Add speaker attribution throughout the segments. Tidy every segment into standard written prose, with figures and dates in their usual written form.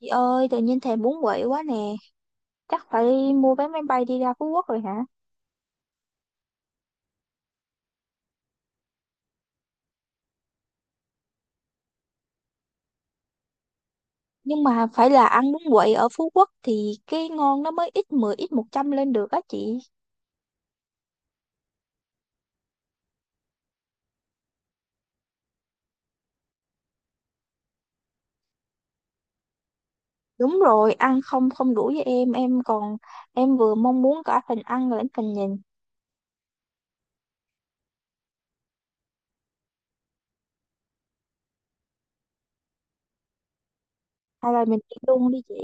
Speaker 1: Chị ơi, tự nhiên thèm bún quậy quá nè. Chắc phải mua vé máy bay đi ra Phú Quốc rồi hả? Nhưng mà phải là ăn bún quậy ở Phú Quốc thì cái ngon nó mới ít 10, ít 100 lên được á chị. Đúng rồi, ăn không không đủ với em. Em vừa mong muốn cả phần ăn lẫn phần nhìn. Hay là mình đi luôn đi chị.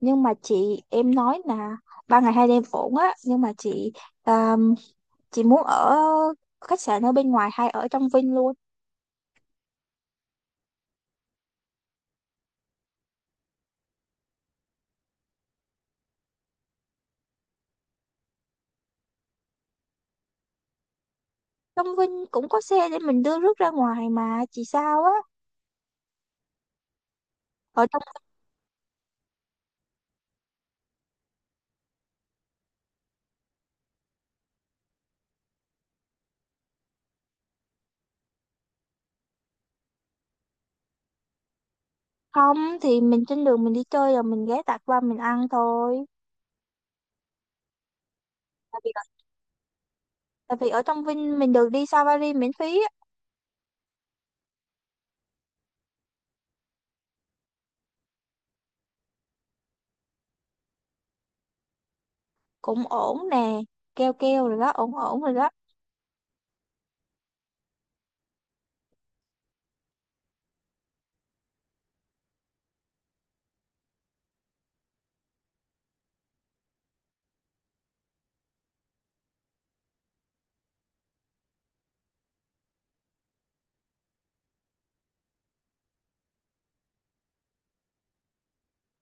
Speaker 1: Nhưng mà chị, em nói là 3 ngày 2 đêm ổn á. Nhưng mà chị, à, chị muốn ở khách sạn ở bên ngoài hay ở trong Vinh luôn. Trong Vinh cũng có xe để mình đưa rước ra ngoài mà chị sao á? ở Không thì mình trên đường mình đi chơi rồi mình ghé tạt qua mình ăn thôi. Tại vì tại vì ở trong Vinh mình được đi safari miễn phí á. Cũng ổn nè, keo keo rồi đó, ổn ổn rồi đó.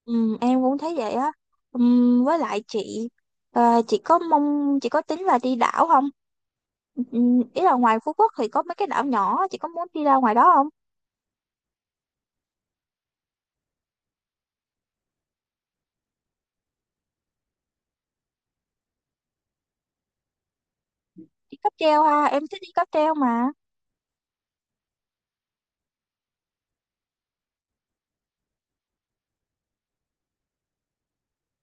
Speaker 1: Ừ, em cũng thấy vậy á. Ừ, với lại chị, chị có mong chị có tính là đi đảo không? Ừ, ý là ngoài Phú Quốc thì có mấy cái đảo nhỏ, chị có muốn đi ra ngoài đó không? Đi cáp treo ha, em thích đi cáp treo mà.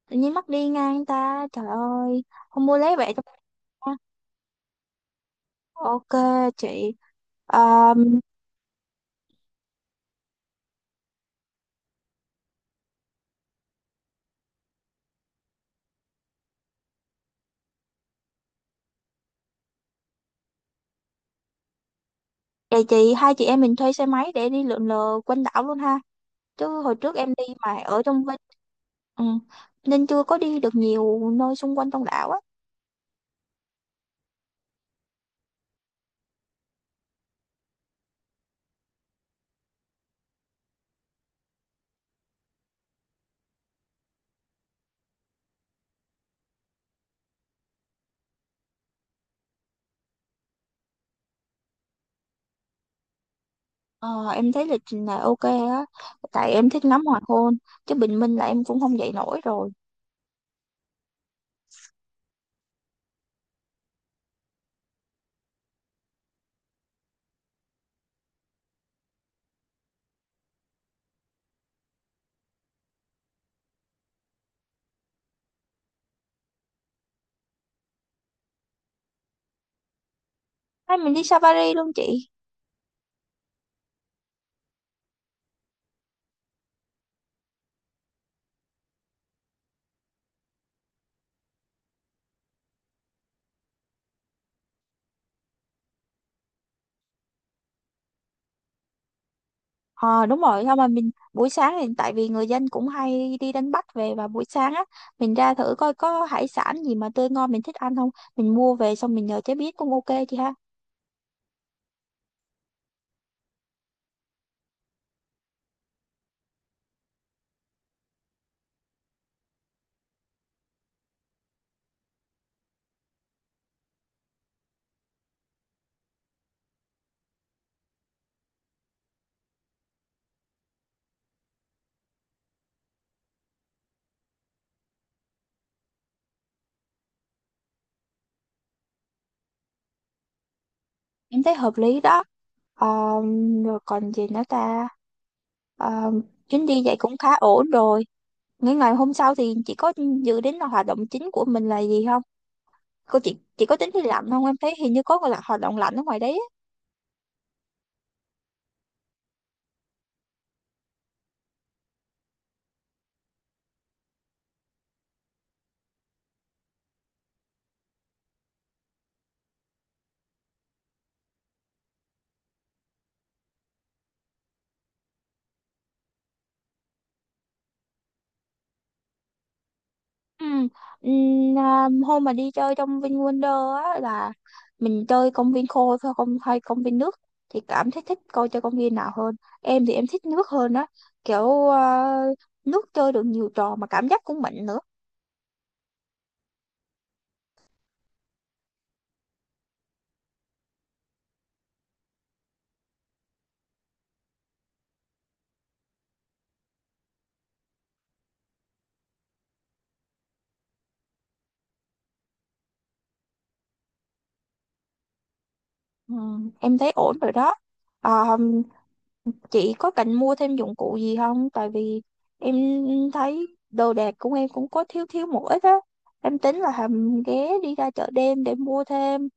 Speaker 1: Tự nhiên mắc đi ngang ta, trời ơi, không mua lấy vậy cho. Ok chị. Ờ. Vậy chị, hai chị em mình thuê xe máy để đi lượn lờ quanh đảo luôn ha. Chứ hồi trước em đi mà ở trong Vinh. Ừ. Nên chưa có đi được nhiều nơi xung quanh trong đảo á. Ờ, em thấy lịch trình này ok á, tại em thích ngắm hoàng hôn, chứ bình minh là em cũng không dậy nổi rồi. Hay mình đi safari luôn chị. Ờ đúng rồi, thôi mà mình buổi sáng thì tại vì người dân cũng hay đi đánh bắt về và buổi sáng á, mình ra thử coi có hải sản gì mà tươi ngon mình thích ăn không, mình mua về xong mình nhờ chế biến cũng ok chị ha. Em thấy hợp lý đó. Ờ, rồi còn gì nữa ta? Ờ, chuyến đi vậy cũng khá ổn rồi. Ngày ngày hôm sau thì chị có dự đến là hoạt động chính của mình là gì không? Cô Chị có tính đi lặn không, em thấy hình như có là hoạt động lặn ở ngoài đấy á. Ừ. Ừm, hôm mà đi chơi trong VinWonder á là mình chơi công viên khô thôi không hay công viên nước? Chị cảm thấy thích coi chơi công viên nào hơn? Em thì em thích nước hơn á, kiểu nước chơi được nhiều trò mà cảm giác cũng mạnh nữa. Ừ, em thấy ổn rồi đó. Ờ, chị có cần mua thêm dụng cụ gì không? Tại vì em thấy đồ đạc của em cũng có thiếu thiếu một ít á. Em tính là hầm ghé đi ra chợ đêm để mua thêm.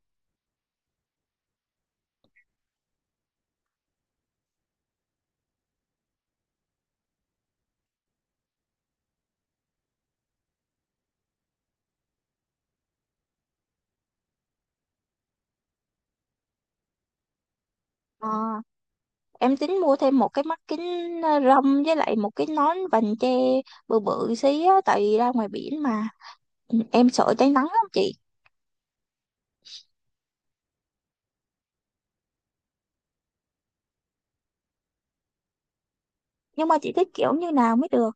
Speaker 1: Ờ, em tính mua thêm một cái mắt kính râm với lại một cái nón vành che bự bự xí á. Tại vì ra ngoài biển mà. Ừ, em sợ cháy nắng lắm chị. Nhưng mà chị thích kiểu như nào mới được?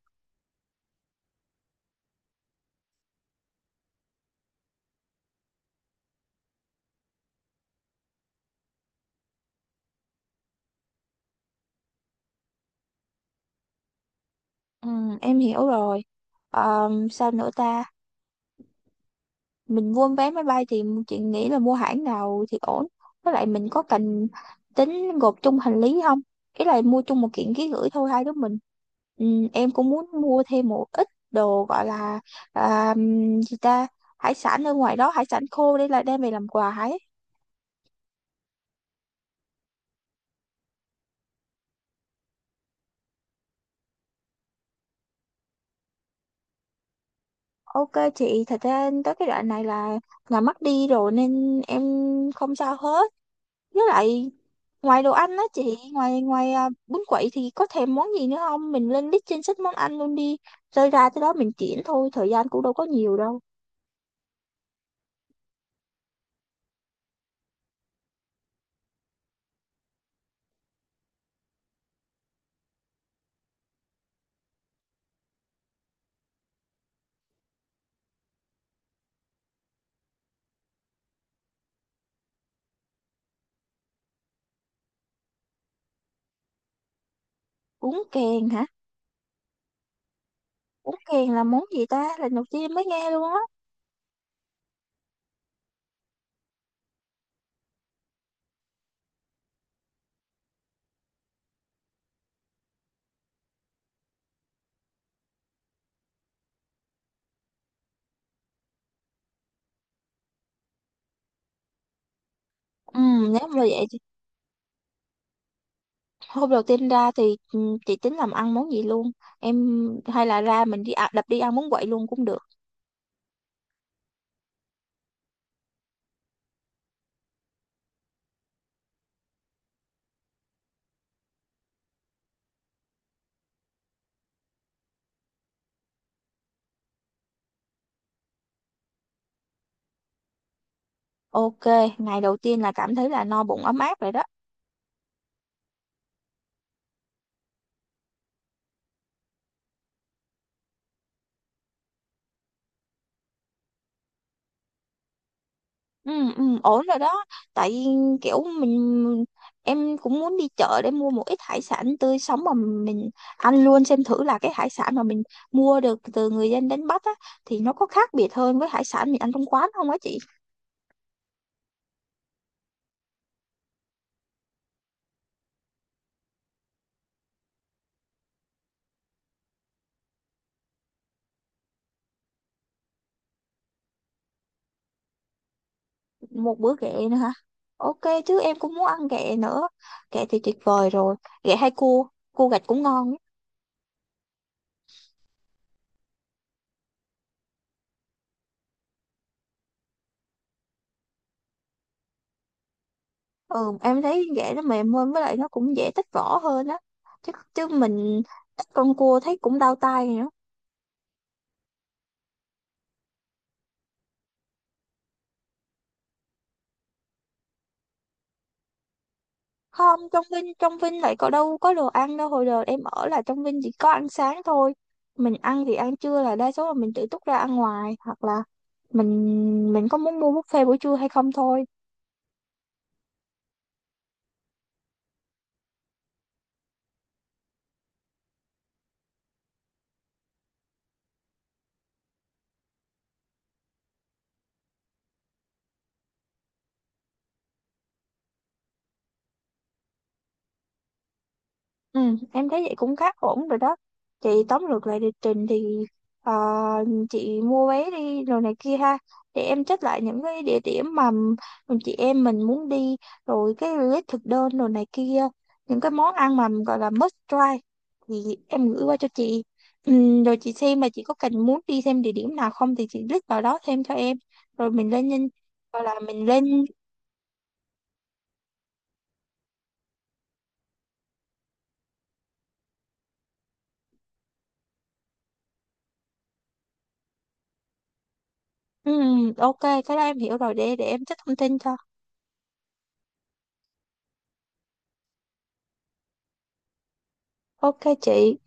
Speaker 1: Ừ, em hiểu rồi. Ờ, sao nữa ta? Mình mua vé máy bay thì chị nghĩ là mua hãng nào thì ổn? Với lại mình có cần tính gộp chung hành lý không? Ý là mua chung một kiện ký gửi thôi hai đứa mình. Ừ, em cũng muốn mua thêm một ít đồ gọi là à, gì ta hải sản ở ngoài đó, hải sản khô đây là đem về làm quà ấy. Ok chị, thật ra tới cái đoạn này là mất đi rồi nên em không sao hết. Với lại ngoài đồ ăn á chị, ngoài ngoài bún quậy thì có thèm món gì nữa không? Mình lên list trên sách món ăn luôn đi. Rơi ra tới đó mình chuyển thôi, thời gian cũng đâu có nhiều đâu. Bún kèn hả? Bún kèn là món gì ta? Lần đầu tiên mới nghe luôn á. Ừ, nếu mà vậy thì hôm đầu tiên ra thì ừ, chị tính làm ăn món gì luôn. Em hay là ra mình đi đập đi ăn bún quậy luôn cũng được. Ok, ngày đầu tiên là cảm thấy là no bụng ấm áp rồi đó. Ừ. Ừ, ổn rồi đó, tại vì kiểu mình, em cũng muốn đi chợ để mua một ít hải sản tươi sống mà mình ăn luôn xem thử là cái hải sản mà mình mua được từ người dân đánh bắt á thì nó có khác biệt hơn với hải sản mình ăn trong quán không á chị. Một bữa ghẹ nữa hả? Ok, chứ em cũng muốn ăn ghẹ nữa. Ghẹ thì tuyệt vời rồi. Ghẹ hay cua, cua gạch cũng ngon ấy. Ừ, em thấy ghẹ nó mềm hơn với lại nó cũng dễ tách vỏ hơn á. Chứ chứ mình tách con cua thấy cũng đau tay. Không, trong Vinh lại có đâu có đồ ăn đâu. Hồi đợt em ở là trong Vinh chỉ có ăn sáng thôi. Mình ăn thì ăn trưa là đa số là mình tự túc ra ăn ngoài. Hoặc là mình có muốn mua buffet buổi trưa hay không thôi. Ừ, em thấy vậy cũng khá ổn rồi đó. Chị tóm lược lại lịch trình thì ờ, chị mua vé đi rồi này kia ha. Để em check lại những cái địa điểm mà chị em mình muốn đi, rồi cái list thực đơn rồi này kia. Những cái món ăn mà gọi là must try thì em gửi qua cho chị. Ừ, rồi chị xem mà chị có cần muốn đi thêm địa điểm nào không thì chị list vào đó thêm cho em. Rồi mình lên nhân, gọi là mình lên. Ừ, ok cái đó em hiểu rồi, để em check thông tin cho. Ok chị.